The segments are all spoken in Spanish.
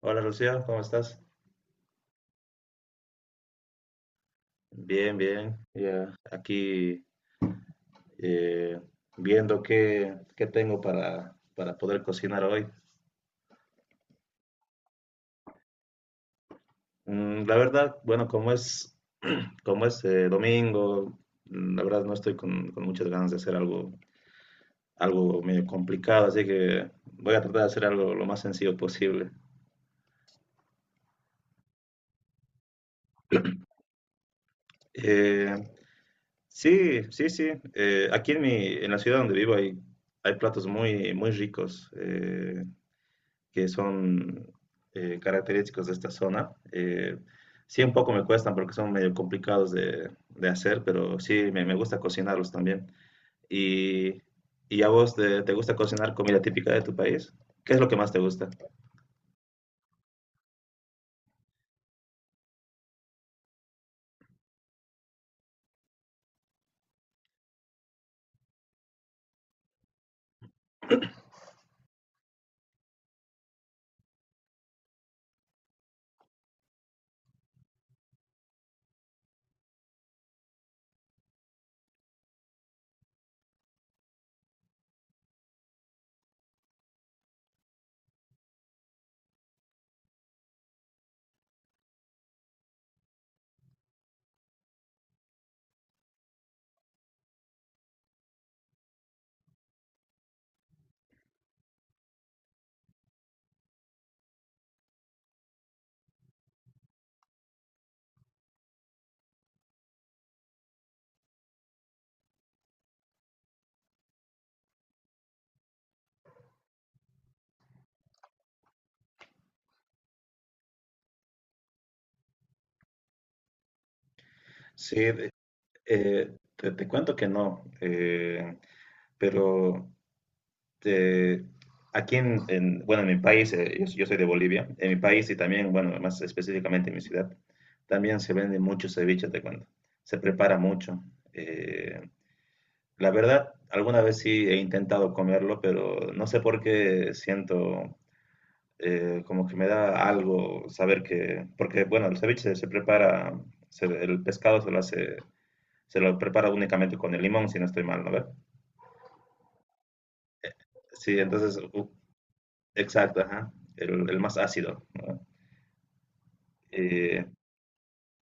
Hola Lucía, ¿cómo estás? Bien, bien. Ya aquí eh, viendo qué tengo para poder cocinar hoy. La verdad, bueno, como es domingo, la verdad no estoy con muchas ganas de hacer algo medio complicado, así que voy a tratar de hacer algo lo más sencillo posible. Eh, sí, sí, sí. Aquí en la ciudad donde vivo hay platos muy, muy ricos. Que son característicos de esta zona. Sí, un poco me cuestan porque son medio complicados de hacer, pero sí, me gusta cocinarlos también. Y, ¿Y a vos te gusta cocinar comida típica de tu país? ¿Qué es lo que más te gusta? Sí, te cuento que no, pero este, aquí bueno, en mi país, yo soy de Bolivia, en mi país y también, bueno, más específicamente en mi ciudad, también se vende mucho ceviche, te cuento. Se prepara mucho. Eh, la verdad, alguna vez sí he intentado comerlo, pero no sé por qué siento como que me da algo saber que, porque, bueno, el ceviche se prepara, el pescado se lo hace, se lo prepara únicamente con el limón, si no estoy mal, ¿no ve? Sí, entonces, exacto, ajá, el más ácido, ¿no? Eh,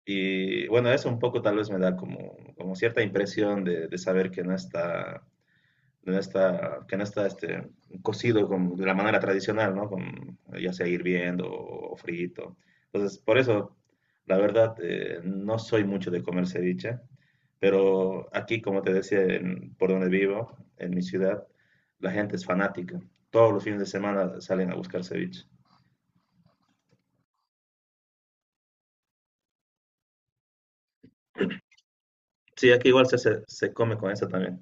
y bueno, eso un poco tal vez me da como cierta impresión de saber que que no está cocido de la manera tradicional, ¿no? Con, ya sea hirviendo o frito. Entonces, por eso, la verdad, no soy mucho de comer ceviche, pero aquí, como te decía, por donde vivo, en mi ciudad, la gente es fanática. Todos los fines de semana salen a buscar ceviche. Sí, aquí igual se come con eso también.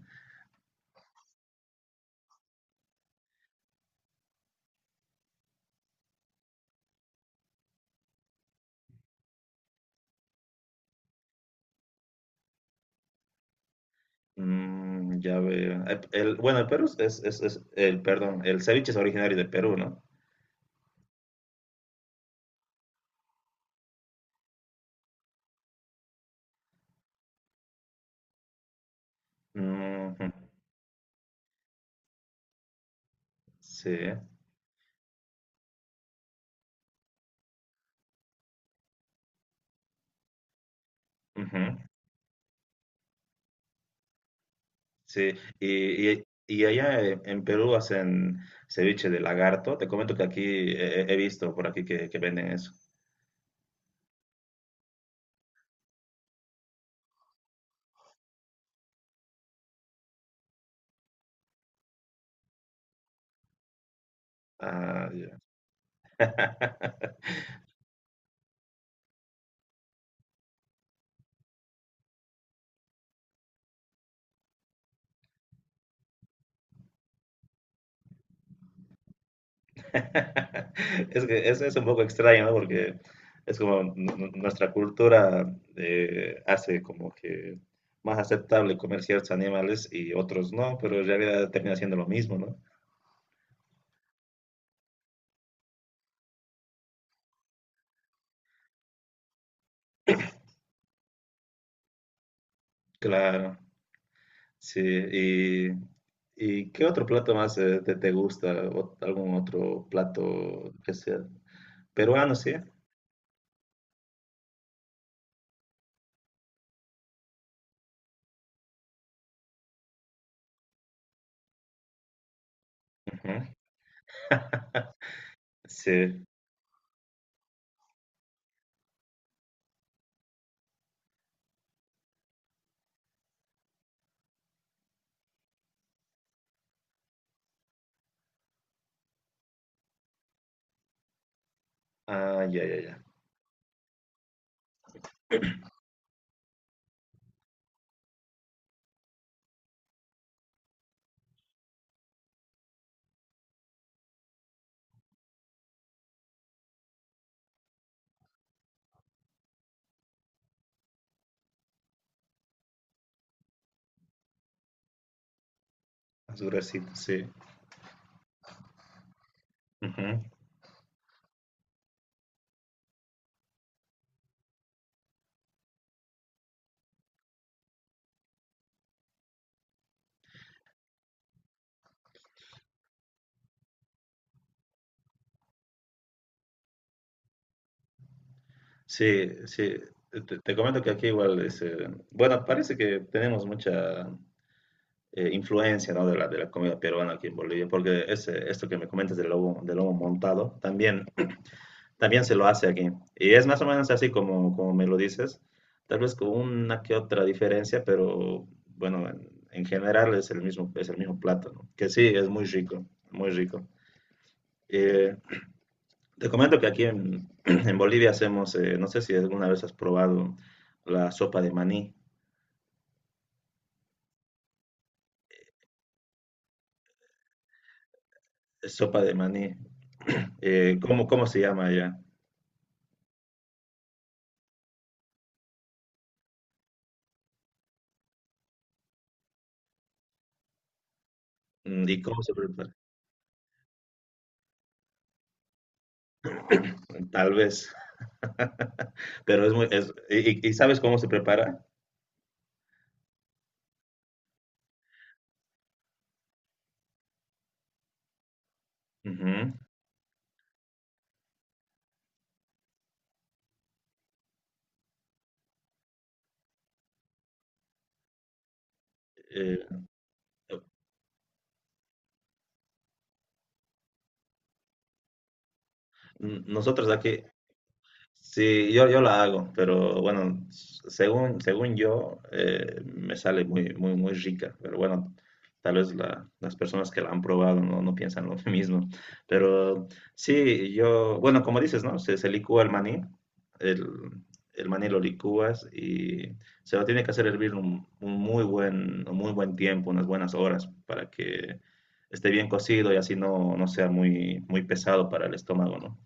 Mm, ya veo. Bueno, el Perú es- el, perdón, el ceviche es originario de Perú, ¿no? Ujú, sí, ujú, sí. Y allá en Perú hacen ceviche de lagarto. Te comento que aquí he visto por aquí que venden eso. Ah, ya. Es que eso es un poco extraño, ¿no? Porque es como nuestra cultura hace como que más aceptable comer ciertos animales y otros no, pero en realidad termina siendo lo mismo, ¿no? Claro, sí. Y qué otro plato más te gusta? ¿O ¿Algún otro plato que sea peruano, sí? Ujú. Sí. Ah, ya, ya, ya. Más gruesito, sí. Ujú. Sí, sí. Te comento que aquí igual bueno, parece que tenemos mucha influencia, ¿no? De de la comida peruana aquí en Bolivia, porque esto que me comentas del del lobo montado, también se lo hace aquí. Y es más o menos así como me lo dices, tal vez con una que otra diferencia, pero bueno, en general es el mismo plato, ¿no? Que sí, es muy rico, muy rico. Eh, Te comento que aquí en, en Bolivia hacemos, no sé si alguna vez has probado la sopa de maní. Es sopa de maní. Cómo se llama allá? Mm, ¿y cómo se prepara? Tal vez. ¿Y sabes cómo se prepara? Ujú. Eh, Nosotros aquí. Sí, yo la hago, pero bueno, según yo, me sale muy, muy, muy rica. Pero bueno, tal vez las personas que la han probado no piensan lo mismo. Pero sí, yo, bueno, como dices, ¿no? Se licúa el maní, el, el maní lo licúas y se lo tiene que hacer hervir un muy buen tiempo, unas buenas horas, para que esté bien cocido y así no sea muy, muy pesado para el estómago, ¿no?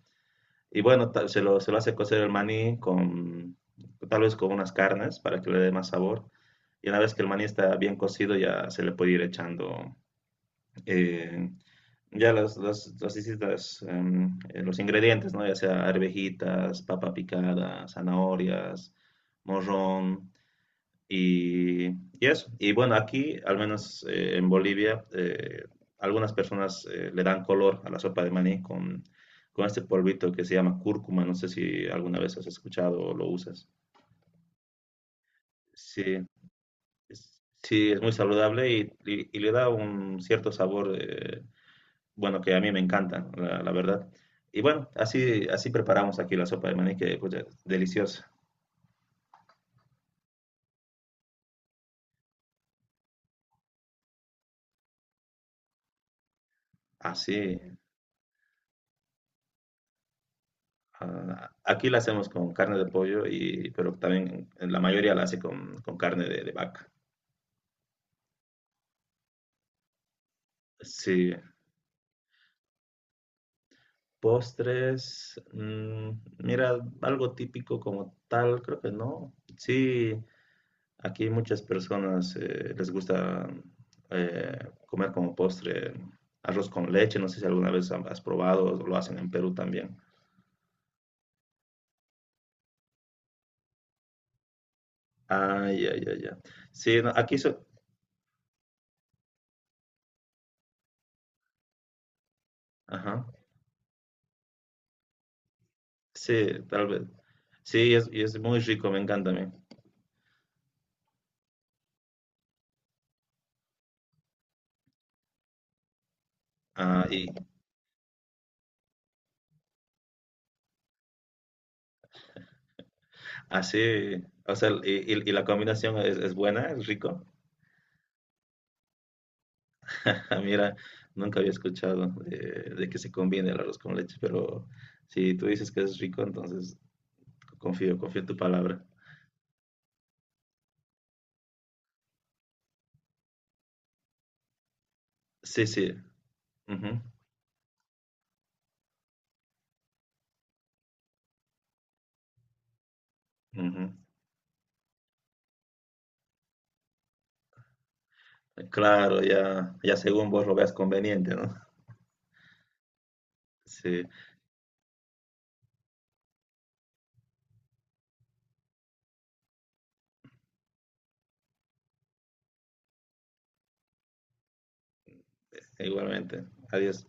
Y bueno, se lo hace cocer el maní tal vez con unas carnes para que le dé más sabor. Y una vez que el maní está bien cocido, ya se le puede ir echando eh, ya los ingredientes, ¿no? Ya sea arvejitas, papa picada, zanahorias, morrón. Y eso. Y bueno, aquí, al menos en Bolivia, algunas personas le dan color a la sopa de maní con este polvito que se llama cúrcuma. No sé si alguna vez has escuchado o lo usas. Sí, sí, es muy saludable y le da un cierto sabor, bueno, que a mí me encanta, la verdad. Y bueno, así preparamos aquí la sopa de maní, que pues, es deliciosa. Así. Ah, aquí la hacemos con carne de pollo, pero también la mayoría la hace con carne de vaca. Sí, postres, mira, algo típico como tal, creo que no. Sí, aquí muchas personas les gusta eh, comer como postre arroz con leche, no sé si alguna vez has probado, o lo hacen en Perú también. Ah, ya, ya, ya. Sí, no, aquí. Ajá, sí, tal vez. Sí, y es muy rico, me encanta a mí. Ah, y así, o sea, y la combinación es buena, es rico. Ah, mira, nunca había escuchado de que se combine el arroz con leche, pero si tú dices que es rico, entonces confío en tu palabra. Sí, sí. Ujú, ujú. Claro, ya, ya según vos lo veas conveniente, ¿no? Sí, igualmente. Adiós.